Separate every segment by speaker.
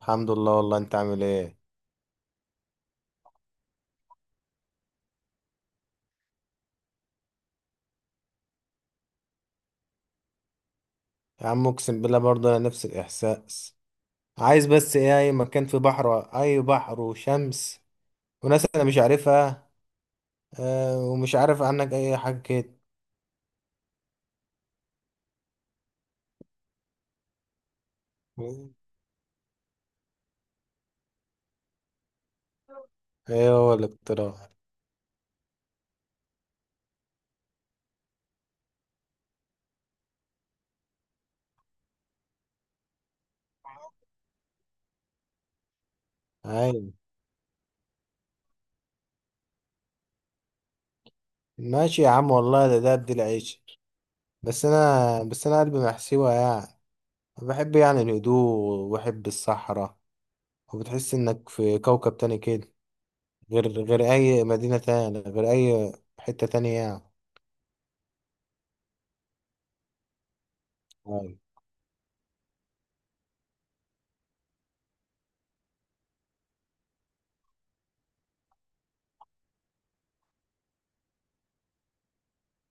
Speaker 1: الحمد لله، والله انت عامل ايه؟ يا عم اقسم بالله برضه انا نفس الاحساس. عايز بس ايه اي مكان فيه بحر، اي بحر وشمس، وناس انا مش عارفها. اه، ومش عارف عنك اي حاجه كده. ايه هو الاقتراح؟ ايوه، ماشي يا عم والله، ده بدي العيش. بس انا قلبي محسوبه يعني. بحب يعني الهدوء، وبحب الصحراء، وبتحس انك في كوكب تاني كده. غير اي مدينه تانية، غير اي حته تانية يعني. أيوة.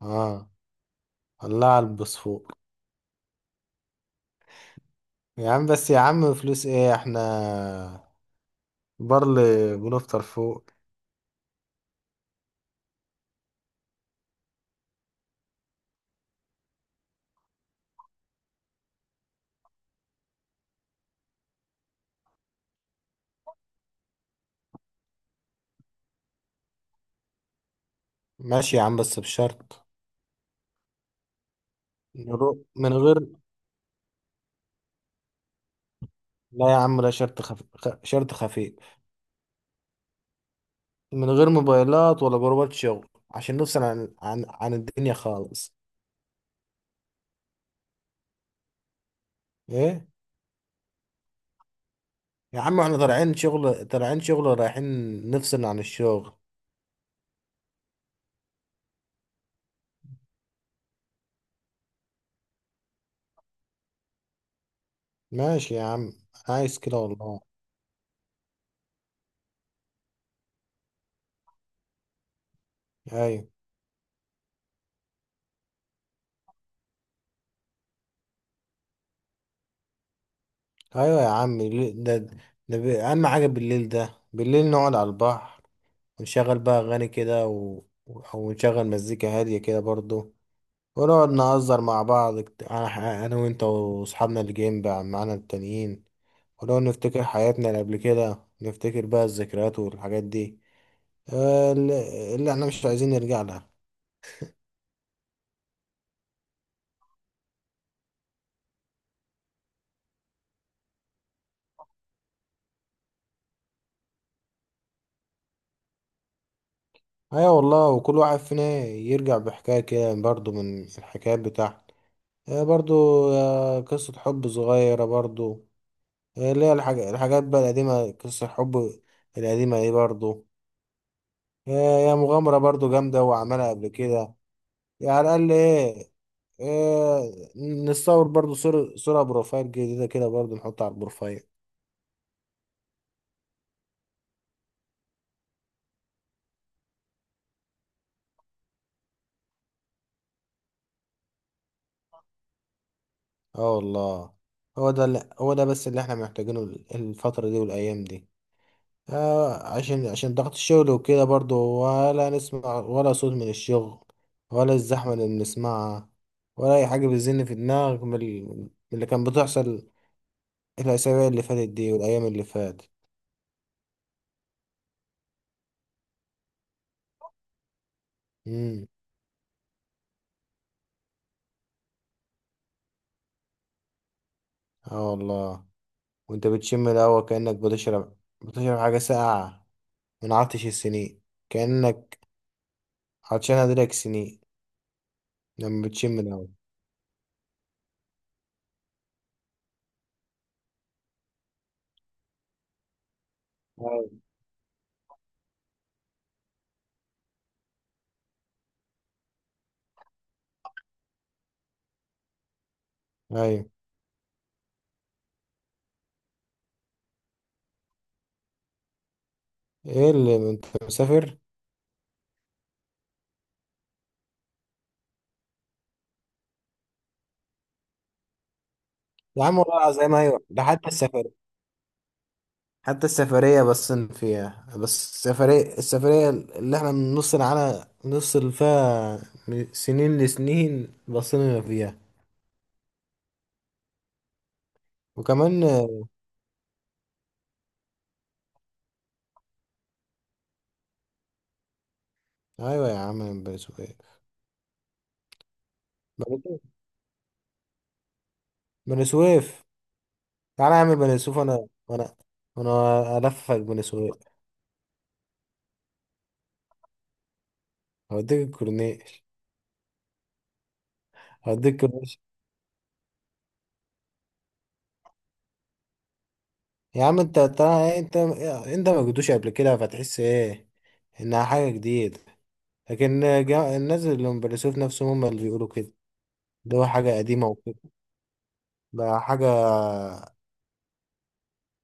Speaker 1: اه، الله على البصفوق. يا عم بس يا عم فلوس ايه احنا. برل. بنفطر فوق. ماشي يا عم بس بشرط. نروح من غير. لا يا عم لا، شرط خفيف. من غير موبايلات ولا جروبات شغل، عشان نفصل عن الدنيا خالص. ايه؟ يا عم احنا طالعين شغل رايحين. نفصل عن الشغل. ماشي يا عم. عايز كده والله. ايوه. ايوه يا عم، ده اهم حاجة بالليل. ده بالليل نقعد على البحر، ونشغل بقى أغاني كده أو نشغل مزيكا هادية كده برضو. ونقعد نهزر مع بعض، أنا وأنت وأصحابنا اللي جايين بقى معانا التانيين. ونقعد نفتكر حياتنا اللي قبل كده، نفتكر بقى الذكريات والحاجات دي. اللي احنا مش عايزين نرجع لها. أيوة والله، وكل واحد فينا يرجع بحكاية كده برضو من الحكايات بتاعته. آه، برضو. قصة حب صغيرة برضو. اللي هي الحاجات بقى القديمة، قصة الحب القديمة دي برضو. هي هي مغامرة برضو جامدة وعملها قبل كده. يعني على الأقل إيه. إيه. نصور برضو صورة بروفايل جديدة كده برضو، نحطها على البروفايل. اه والله. هو ده، اللي هو ده بس اللي احنا محتاجينه الفترة دي والأيام دي. عشان ضغط الشغل وكده برضو. ولا نسمع ولا صوت من الشغل، ولا الزحمة اللي بنسمعها، ولا أي حاجة بتزن في دماغك من من اللي كان بتحصل الأسابيع اللي فاتت دي والأيام اللي فاتت. مم. اه والله. وانت بتشم الهوا كأنك بتشرب. بتشرب حاجة ساقعة من عطش السنين. كأنك عطشان هدرك سنين. لما بتشم الهوا. أيوة. أيوة. ايه اللي انت مسافر؟ يا عم والله العظيم ايوه، ده حتى السفر. حتى السفرية، بس فيها السفرية اللي احنا من نص العالم نص اللي فيها من سنين لسنين بصينا فيها. وكمان. ايوه يا عم بني سويف. بني بني سويف. تعالى اعمل بني سويف، انا انا الففك بني سويف. هوديك الكورنيش. هوديك الكورنيش. يا عم انت تعالى، انت ما جيتوش قبل كده فتحس ايه انها حاجه جديده. لكن، الناس اللي من بني سويف نفسهم هم اللي بيقولوا كده، اللي هو حاجه قديمه وكده. بقى حاجه،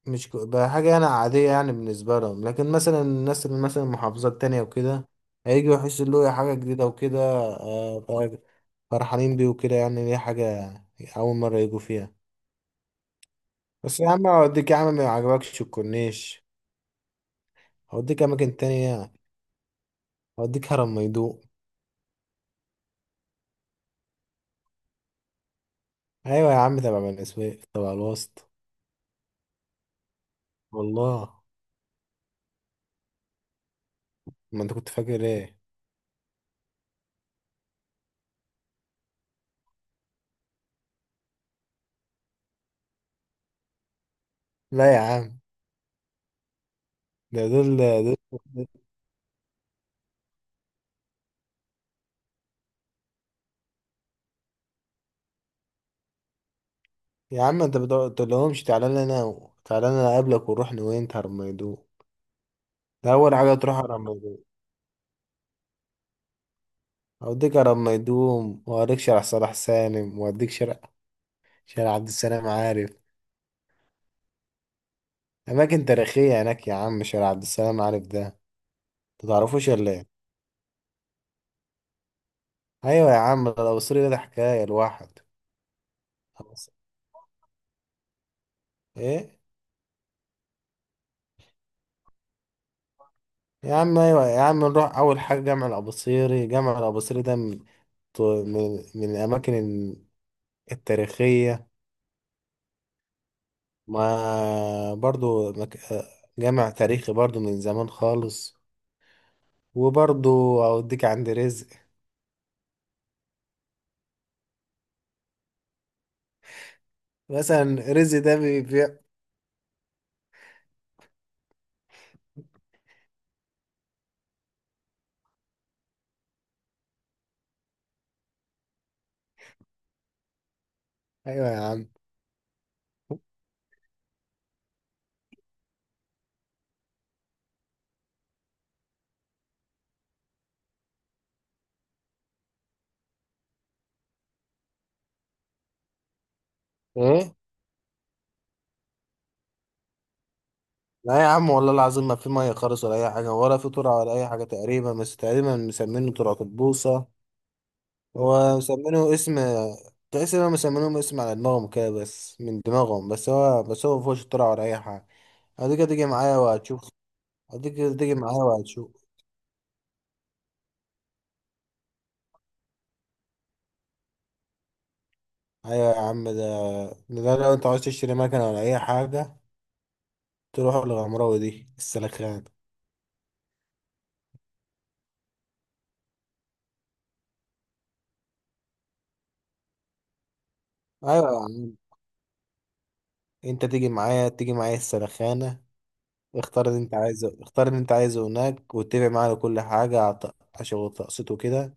Speaker 1: مش ك- بقى حاجه انا عاديه يعني بالنسبه لهم، لكن مثلا الناس اللي مثلا من محافظات تانية وكده هيجوا يحسوا اللي هو إيه، حاجه جديده وكده، فرحانين بيه وكده يعني، ليه حاجه اول مره يجوا فيها. بس يا عم هوديك يا عم ما يعجبكش الكورنيش، هوديك اماكن تانية. هوديك هرم ميدوق. ايوه يا عم تبع بني سويف، تبع الوسط. والله. ما انت كنت فاكر ايه. لا يا عم، ده دول. يا عم انت ما تقولهمش تعالى لنا، تعالى لنا اقابلك ونروح نوينت هرم ميدوق. ده اول حاجه تروح هرم ميدوق. هوديك هرم ميدوم، وهوريك شارع صلاح سالم، وهوديك شارع عبد السلام عارف. اماكن تاريخيه هناك يا عم، شارع عبد السلام عارف ده انت تعرفوش ولا ايه؟ ايوه يا عم لو سوري، ده حكايه الواحد. ايه. يا عم ايوه يا عم نروح اول حاجه، جامع الاباصيري ده من من الاماكن التاريخيه. ما برضو جامع تاريخي برضو من زمان خالص. وبرضو اوديك عند رزق. مثلا رزق ده بيبيع. ايوه يا عم. ايه. لا يا عم والله العظيم ما في ميه خالص ولا اي حاجه، ولا في ترعه ولا اي حاجه تقريبا، بس تقريبا مسمينه ترعه البوصه. هو مسمينه اسم، تحس انهم مسمينهم اسم على دماغهم كده، بس من دماغهم بس. هو مفيهوش اختراع ولا اي حاجة. هديك هتيجي معايا وهتشوف. هديك هتيجي معايا وهتشوف. ايوه يا عم. ده ده لو انت عاوز تشتري مكنة ولا اي حاجة، تروح للغمراوي دي السلخانة. ايوه يا عم انت تيجي معايا، السلخانة. اختار اللي انت عايزه هناك، واتفق معاه على كل حاجة، على عشان تقسيطه كده.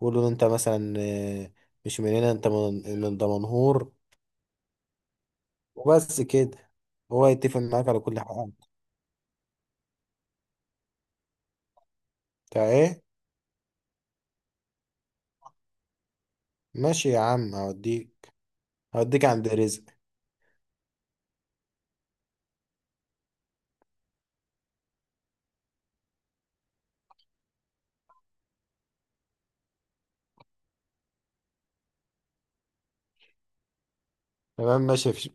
Speaker 1: قول له انت مثلا، مش من هنا، انت من دمنهور. وبس كده، هو يتفق معاك على كل حاجة. بتاع ايه. ماشي يا عم هوديك، عند رزق. تمام، ماشي مفيش.